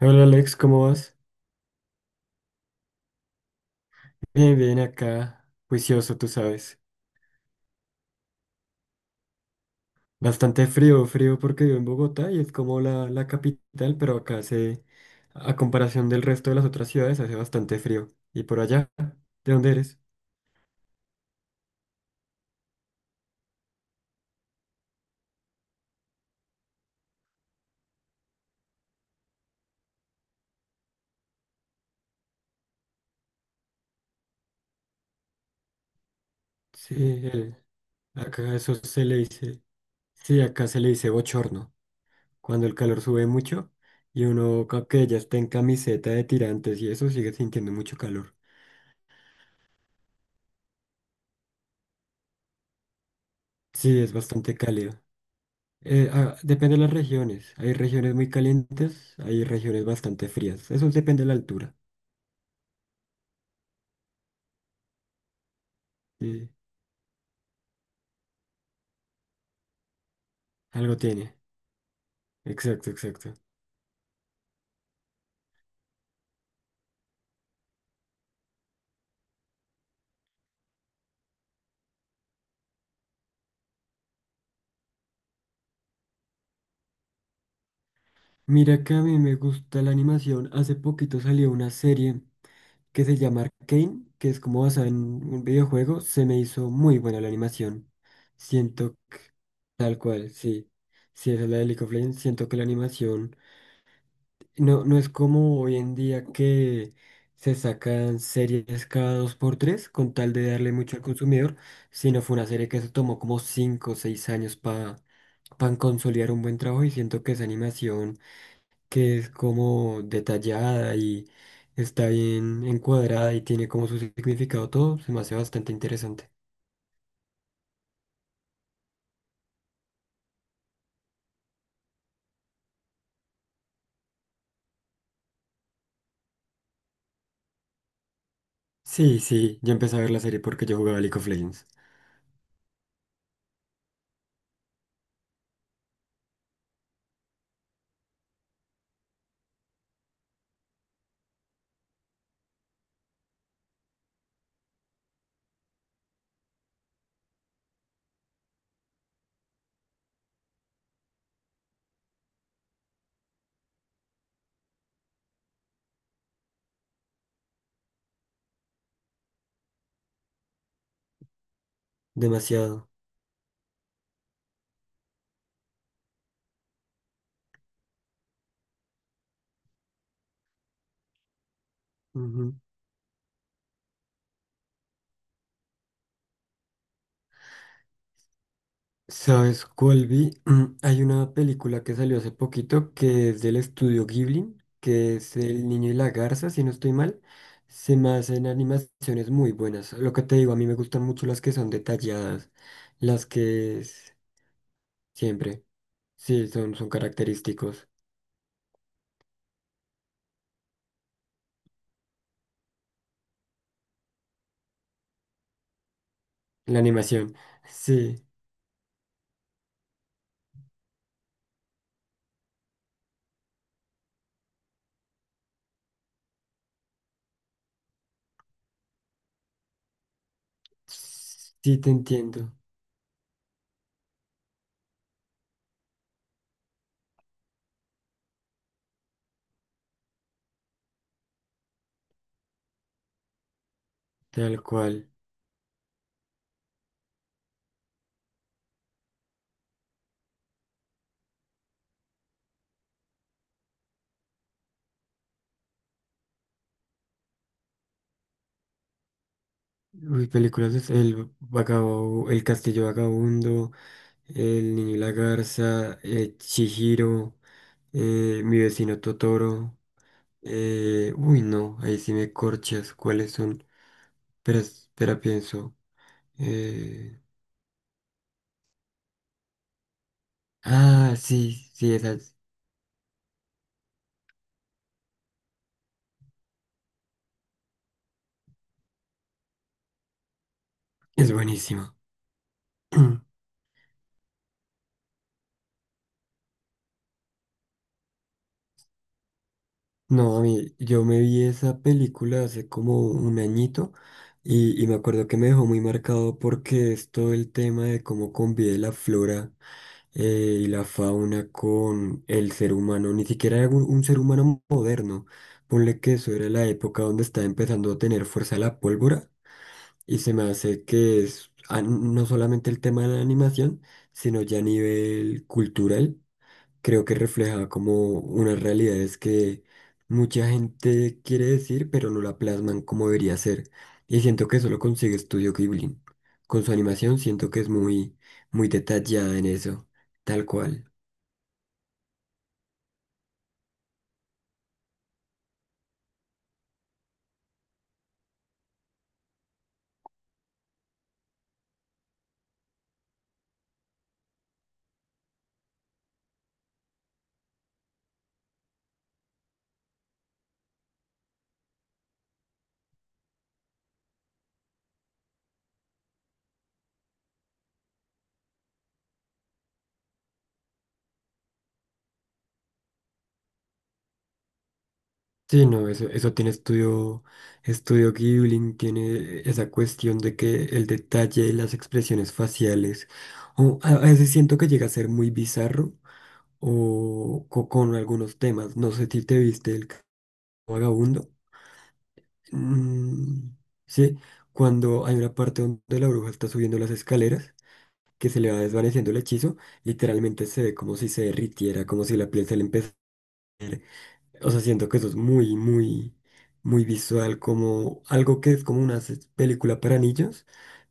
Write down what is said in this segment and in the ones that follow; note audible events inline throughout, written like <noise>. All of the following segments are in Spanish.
Hola Alex, ¿cómo vas? Bien, bien acá, juicioso, tú sabes. Bastante frío, frío porque vivo en Bogotá y es como la capital, pero acá hace, a comparación del resto de las otras ciudades, hace bastante frío. ¿Y por allá? ¿De dónde eres? Sí, acá eso se le dice, sí, acá se le dice bochorno, cuando el calor sube mucho y uno, que ya está en camiseta de tirantes y eso, sigue sintiendo mucho calor. Sí, es bastante cálido. Depende de las regiones. Hay regiones muy calientes, hay regiones bastante frías. Eso depende de la altura. Sí, algo tiene. Exacto, exacto. Mira que a mí me gusta la animación. Hace poquito salió una serie que se llama Arcane, que es como basada en un videojuego. Se me hizo muy buena la animación. Siento que, tal cual, sí. Si es la de League of Legends, siento que la animación. No, no es como hoy en día que se sacan series cada dos por tres con tal de darle mucho al consumidor, sino fue una serie que se tomó como 5 o 6 años para consolidar un buen trabajo y siento que esa animación que es como detallada y está bien encuadrada y tiene como su significado todo, se me hace bastante interesante. Sí, sí, yo empecé a ver la serie porque yo jugaba League of Legends. Demasiado. ¿Sabes cuál vi? <clears throat> Hay una película que salió hace poquito que es del estudio Ghibli, que es El Niño y la Garza, si no estoy mal. Se me hacen animaciones muy buenas. Lo que te digo, a mí me gustan mucho las que son detalladas, las que es- siempre, sí, son, son característicos. La animación, sí, sí te entiendo, tal cual. Uy, películas es El Vagabundo, El Castillo Vagabundo. El niño y la garza, Chihiro, mi vecino Totoro. No, ahí sí me corchas. ¿Cuáles son? Espera, espera, pienso. eh, sí, sí, esa es buenísima. <clears throat> No, a mí, yo me vi esa película hace como un añito y me acuerdo que me dejó muy marcado porque es todo el tema de cómo convive la flora. Y la fauna con el ser humano, ni siquiera era un ser humano moderno. Ponle que eso era la época donde estaba empezando a tener fuerza la pólvora y se me hace que es no solamente el tema de la animación, sino ya a nivel cultural, creo que refleja como unas realidades que mucha gente quiere decir, pero no la plasman como debería ser. Y siento que eso lo consigue Studio Ghibli. Con su animación siento que es muy, muy detallada en eso, tal cual. Sí, no, eso tiene estudio, estudio Ghibli, tiene esa cuestión de que el detalle y las expresiones faciales, o a veces siento que llega a ser muy bizarro con algunos temas. No sé si te viste el vagabundo. Mm, sí, cuando hay una parte donde la bruja está subiendo las escaleras, que se le va desvaneciendo el hechizo, literalmente se ve como si se derritiera, como si la piel se le empezara. O sea, siento que eso es muy, muy, muy visual, como algo que es como película para niños,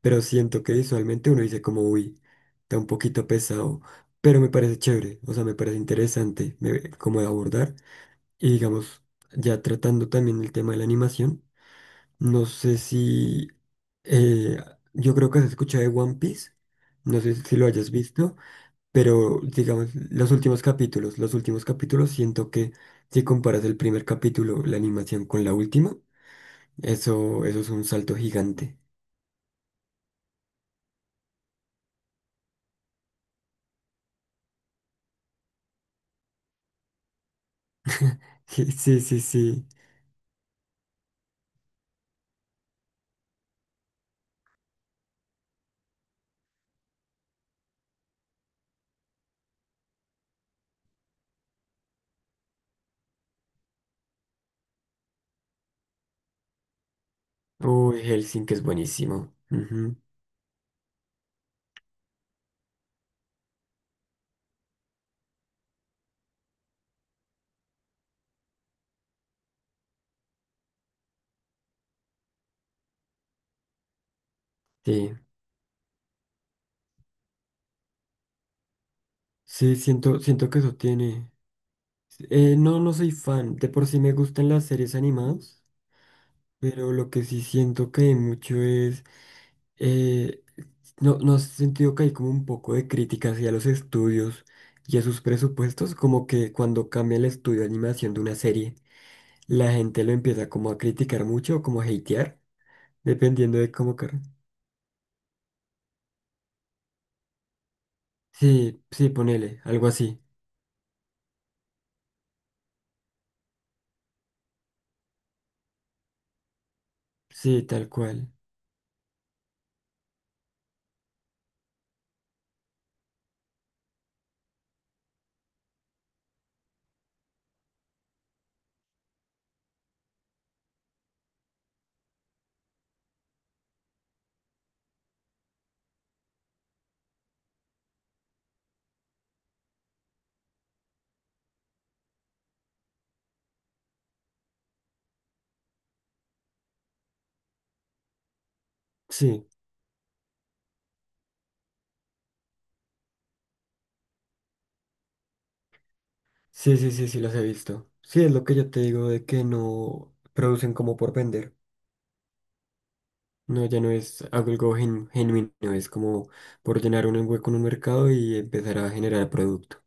pero siento que visualmente uno dice como, uy, está un poquito pesado, pero me parece chévere, o sea, me parece como de abordar. Y digamos, ya tratando también el tema de la animación, no sé si, eh, yo creo que has escuchado de One Piece, no sé si lo hayas visto. Pero, digamos, los últimos capítulos, siento que si comparas el primer capítulo, la animación con la última, eso es un salto gigante. <laughs> Sí, sí, sí, sí. Uy, Helsinki es buenísimo. Ujú, sí, sí, siento que eso tiene. No, no soy fan. De por sí me gustan las series animadas, pero lo que sí siento que hay mucho es eh, no, no has sentido que hay como un poco de crítica hacia los estudios y a sus presupuestos, como que cuando cambia el estudio de animación de una serie, la gente lo empieza como a criticar mucho o como a hatear, dependiendo de cómo car- Sí, sí, ponele, algo así. Sí, tal cual. Sí, sí, sí, sí, sí, los he visto. Sí, es lo que yo te digo de que no producen como por vender. No, ya no es algo genuino, es como por llenar un hueco en un mercado y empezar a generar producto.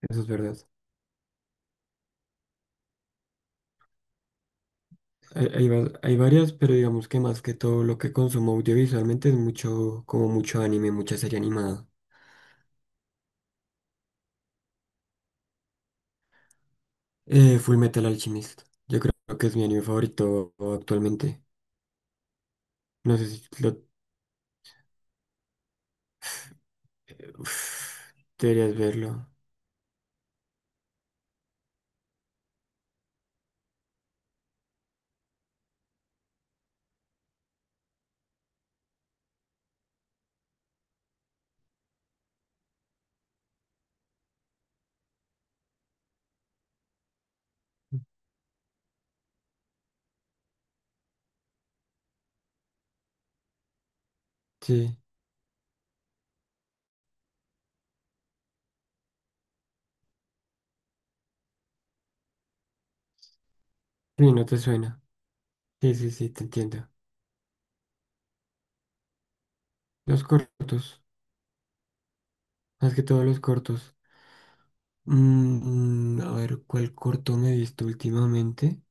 Eso es verdad. Hay varias, pero digamos que más que todo lo que consumo audiovisualmente es mucho, como mucho anime, mucha serie animada. Full Metal Alchemist. Yo creo que es mi anime favorito actualmente. No sé si lo... Uf, deberías verlo. Sí, sí, no te suena. Sí, sí, sí, te entiendo. Los cortos, más que todo los cortos. A ver, ¿cuál corto me he visto últimamente?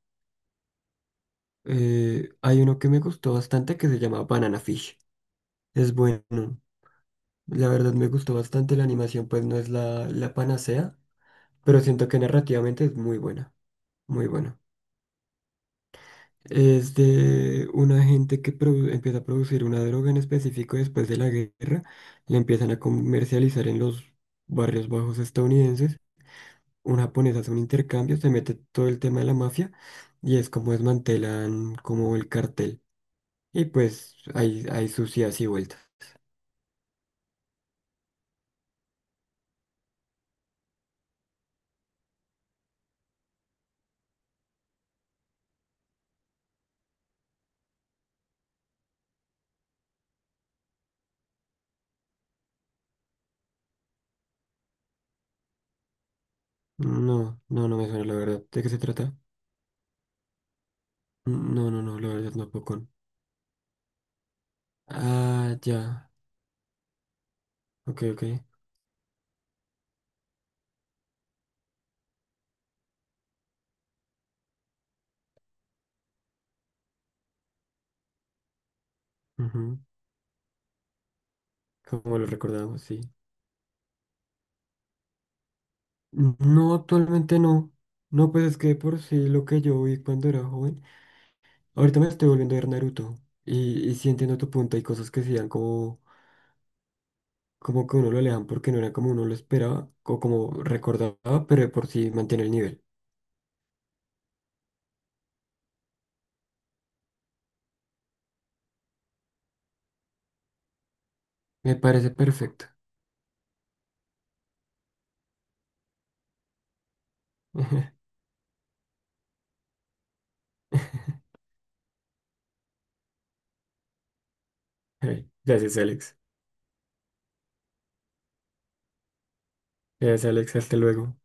Hay uno que me gustó bastante que se llama Banana Fish. Es bueno. La verdad me gustó bastante la animación, pues no es la panacea, pero siento que narrativamente es muy buena, muy buena. Es de una gente que empieza a producir una droga en específico después de la guerra, la empiezan a comercializar en los barrios bajos estadounidenses, un japonés hace un intercambio, se mete todo el tema de la mafia y es como desmantelan como el cartel. Y pues hay sucias y vueltas. No, no, no me suena la verdad. ¿De qué se trata? No, no, no, la verdad no, poco. Ah, ya. Ok, ok. Ujú. Como lo recordamos, sí. No, actualmente no. No, pues es que por sí lo que yo vi cuando era joven. Ahorita me estoy volviendo a ver Naruto. Y sí entiendo tu punto. Hay cosas que sí dan como, como que uno lo alejan porque no era como uno lo esperaba o como recordaba, pero de por sí mantiene el nivel. Me parece perfecto. <laughs> Ay, gracias, Alex. Gracias, Alex. Hasta luego.